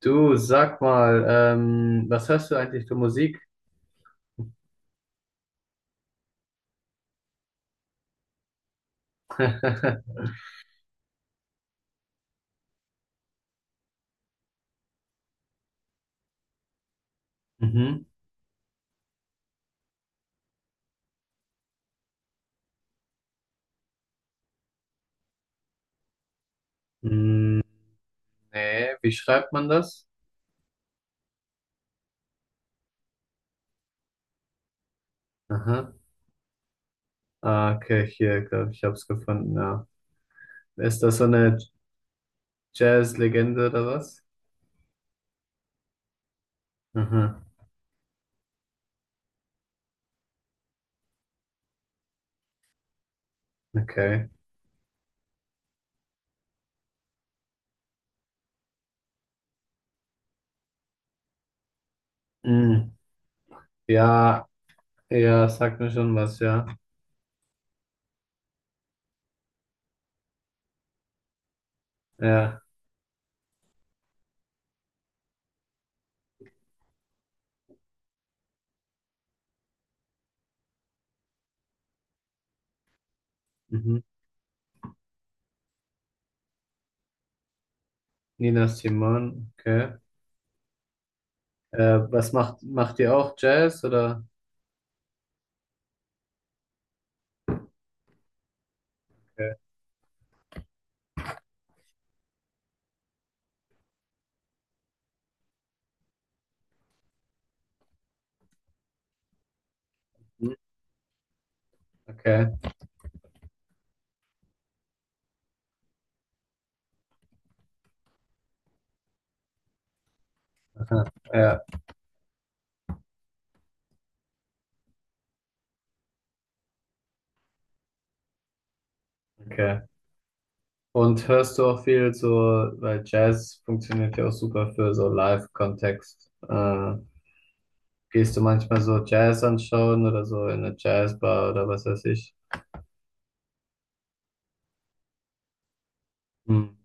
Du, sag mal, was hörst du eigentlich für Musik? Mhm. Mm, nee, wie schreibt man das? Aha. Ah, okay, hier, glaube ich, hab's gefunden, ja. Ist das so eine Jazz-Legende oder was? Aha, okay. Mm, ja, ja, sagt mir schon was, ja. Ja, mhm. Nina Simone, okay. Was macht, macht ihr auch Jazz oder? Okay, mhm, okay, aha, ja, okay. Und hörst du auch viel so, weil Jazz funktioniert ja auch super für so Live-Kontext. Gehst du manchmal so Jazz anschauen oder so in eine Jazzbar oder was weiß ich? Mhm.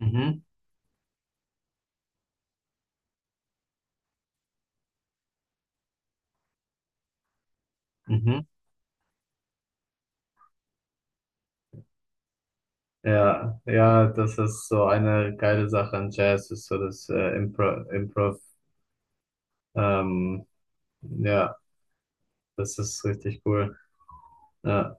Mhm. Mhm. Ja, ja, das ist so eine geile Sache an Jazz, ist so das Improv. Ähm, ja, das ist richtig cool. Ja.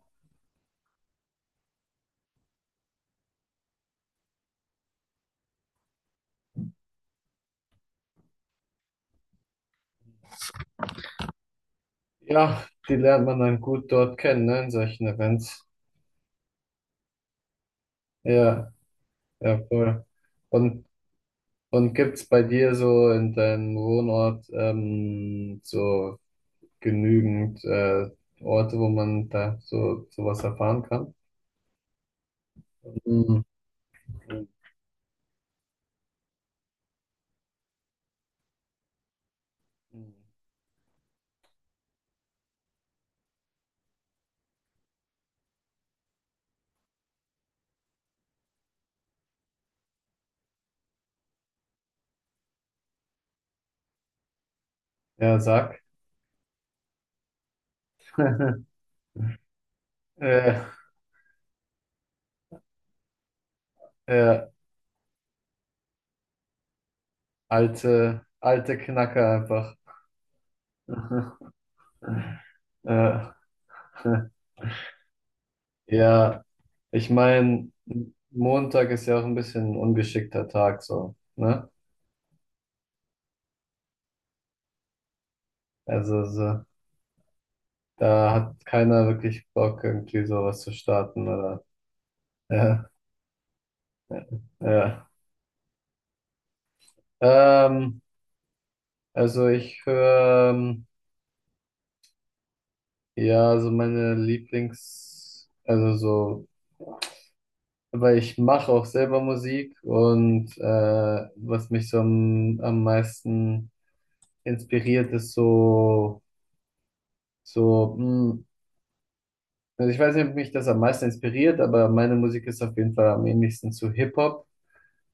Ja, die lernt man dann gut dort kennen, ne, in solchen Events. Ja, ja, voll. Und Und gibt's bei dir so in deinem Wohnort so genügend Orte, wo man da so sowas erfahren kann? Mhm. Ja, sag. Äh, äh, alte, alte Knacker einfach. Äh, ja, ich meine, Montag ist ja auch ein bisschen ein ungeschickter Tag so, ne? Also so, da hat keiner wirklich Bock, irgendwie sowas zu starten, oder? Ja. Ähm, also ich höre, ja, also meine Lieblings, also so, weil ich mache auch selber Musik und was mich so am meisten inspiriert, ist so, so, also ich weiß nicht, ob mich das am meisten inspiriert, aber meine Musik ist auf jeden Fall am ähnlichsten zu Hip-Hop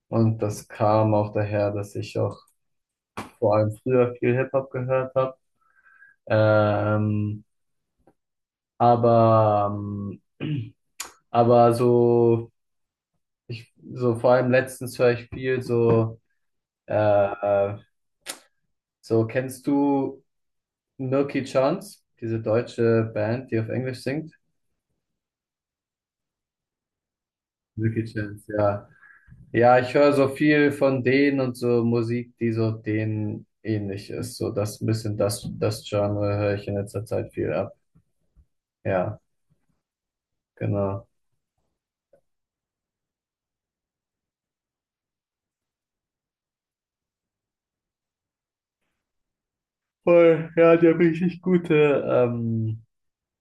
und das kam auch daher, dass ich auch vor allem früher viel Hip-Hop gehört habe. Ähm, Aber, ähm, aber so, ich, so vor allem letztens höre ich viel so, äh, äh, so kennst du Milky Chance, diese deutsche Band, die auf Englisch singt? Milky Chance, ja. Ja, ich höre so viel von denen und so Musik, die so denen ähnlich ist. So das ein bisschen das, das Genre höre ich in letzter Zeit viel ab. Ja, genau. Voll, ja, die haben richtig gute,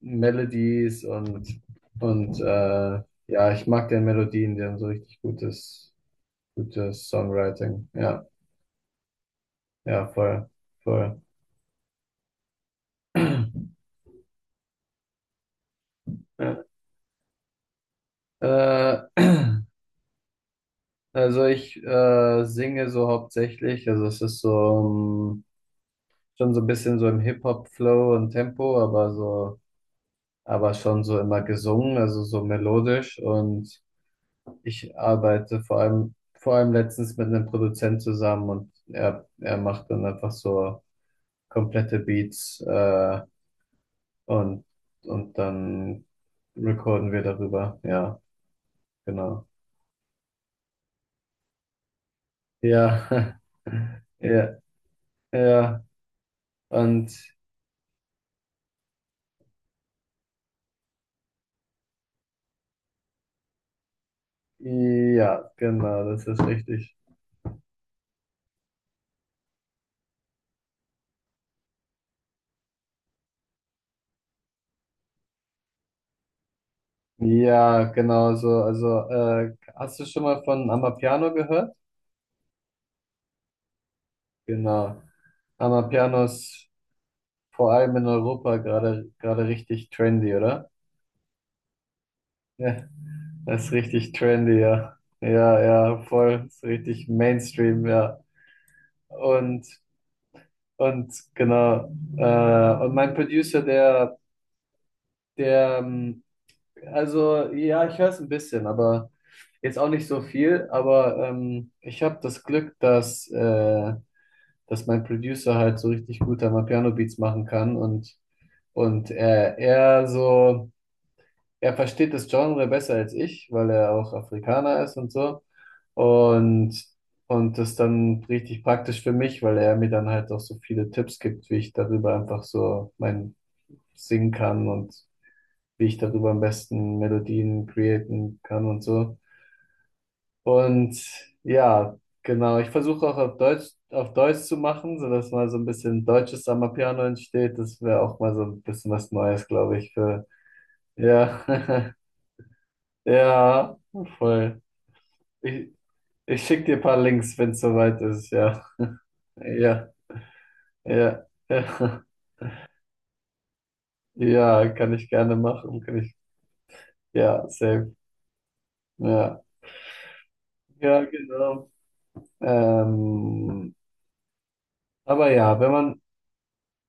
Melodies und, und äh, ja, ich mag deren Melodien, die haben so richtig gutes, gutes Songwriting. Ja, ja, voll, voll. Ja. Äh, also ich singe so hauptsächlich, also es ist so schon so ein bisschen so im Hip-Hop-Flow und Tempo, aber so, aber schon so immer gesungen, also so melodisch und ich arbeite vor allem letztens mit einem Produzent zusammen und er macht dann einfach so komplette Beats und, und dann recorden wir darüber. Ja, genau. Ja, ja, ja. Und ja, genau, das ist richtig. Ja, genau so. Also, hast du schon mal von Amapiano gehört? Genau. Amapiano ist vor allem in Europa gerade richtig trendy, oder? Ja, das ist richtig trendy, ja. Ja, ja, voll, ist richtig Mainstream, ja. Und, und genau. Und mein Producer, der, also ja, ich höre es ein bisschen, aber jetzt auch nicht so viel. Aber ich habe das Glück, dass, dass mein Producer halt so richtig gut am Piano Beats machen kann und er so. Er versteht das Genre besser als ich, weil er auch Afrikaner ist und so. Und, und das dann richtig praktisch für mich, weil er mir dann halt auch so viele Tipps gibt, wie ich darüber einfach so mein singen kann und wie ich darüber am besten Melodien createn kann und so. Und ja, genau, ich versuche auch auf Deutsch zu machen, sodass mal so ein bisschen deutsches Piano entsteht. Das wäre auch mal so ein bisschen was Neues, glaube ich, für, ja, ja, voll. Ich, ich schicke dir ein paar Links, wenn es soweit ist. Ja, ja, ja, ja, ja, kann ich gerne machen. Kann ich, ja, safe. Ja, ja, genau. Ähm, aber ja, wenn man,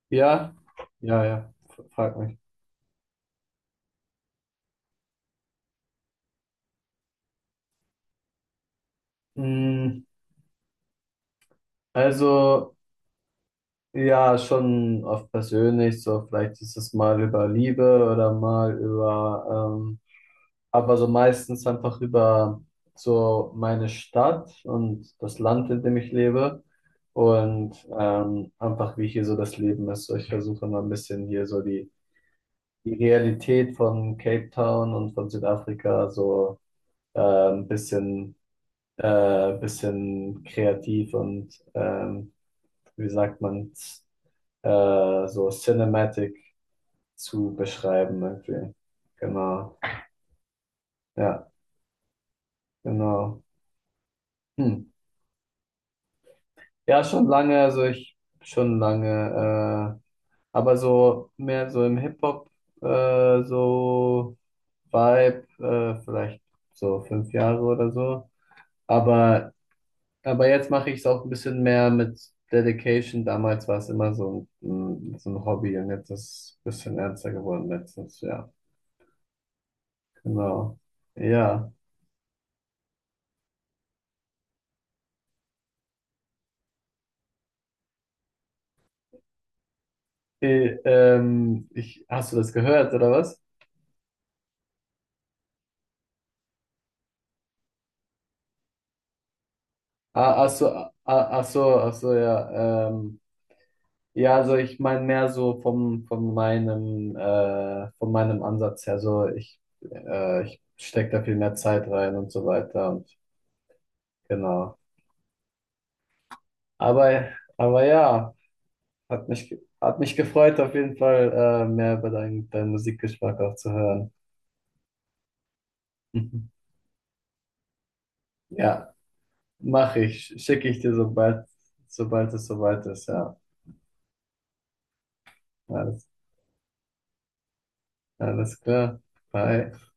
ja, ja, ja, f- frag mich. Mm, also, ja, schon oft persönlich, so vielleicht ist es mal über Liebe oder mal über, aber so meistens einfach über so meine Stadt und das Land, in dem ich lebe und einfach wie hier so das Leben ist. So, ich versuche mal ein bisschen hier so die, die Realität von Cape Town und von Südafrika so ein bisschen, bisschen kreativ und wie sagt man, so cinematic zu beschreiben irgendwie. Genau, ja, genau. Hm. Ja, schon lange, also ich schon lange, aber so mehr so im Hip-Hop, so Vibe, vielleicht so 5 Jahre oder so. Aber, aber jetzt mache ich es auch ein bisschen mehr mit Dedication. Damals war es immer so ein, mm, so ein Hobby und jetzt ist es ein bisschen ernster geworden letztens, ja. Genau. Ja. Ich, hast du das gehört, oder was? Ah, ach so, ja. Ja, also ich meine mehr so vom, von meinem Ansatz her. So ich, ich stecke da viel mehr Zeit rein und so weiter und genau. Aber, aber ja, hat mich gefreut, auf jeden Fall mehr über deinen Musikgeschmack auch zu hören. Ja, mache ich. Schicke ich dir, sobald, sobald es soweit ist. Ja, alles, alles klar. Bye.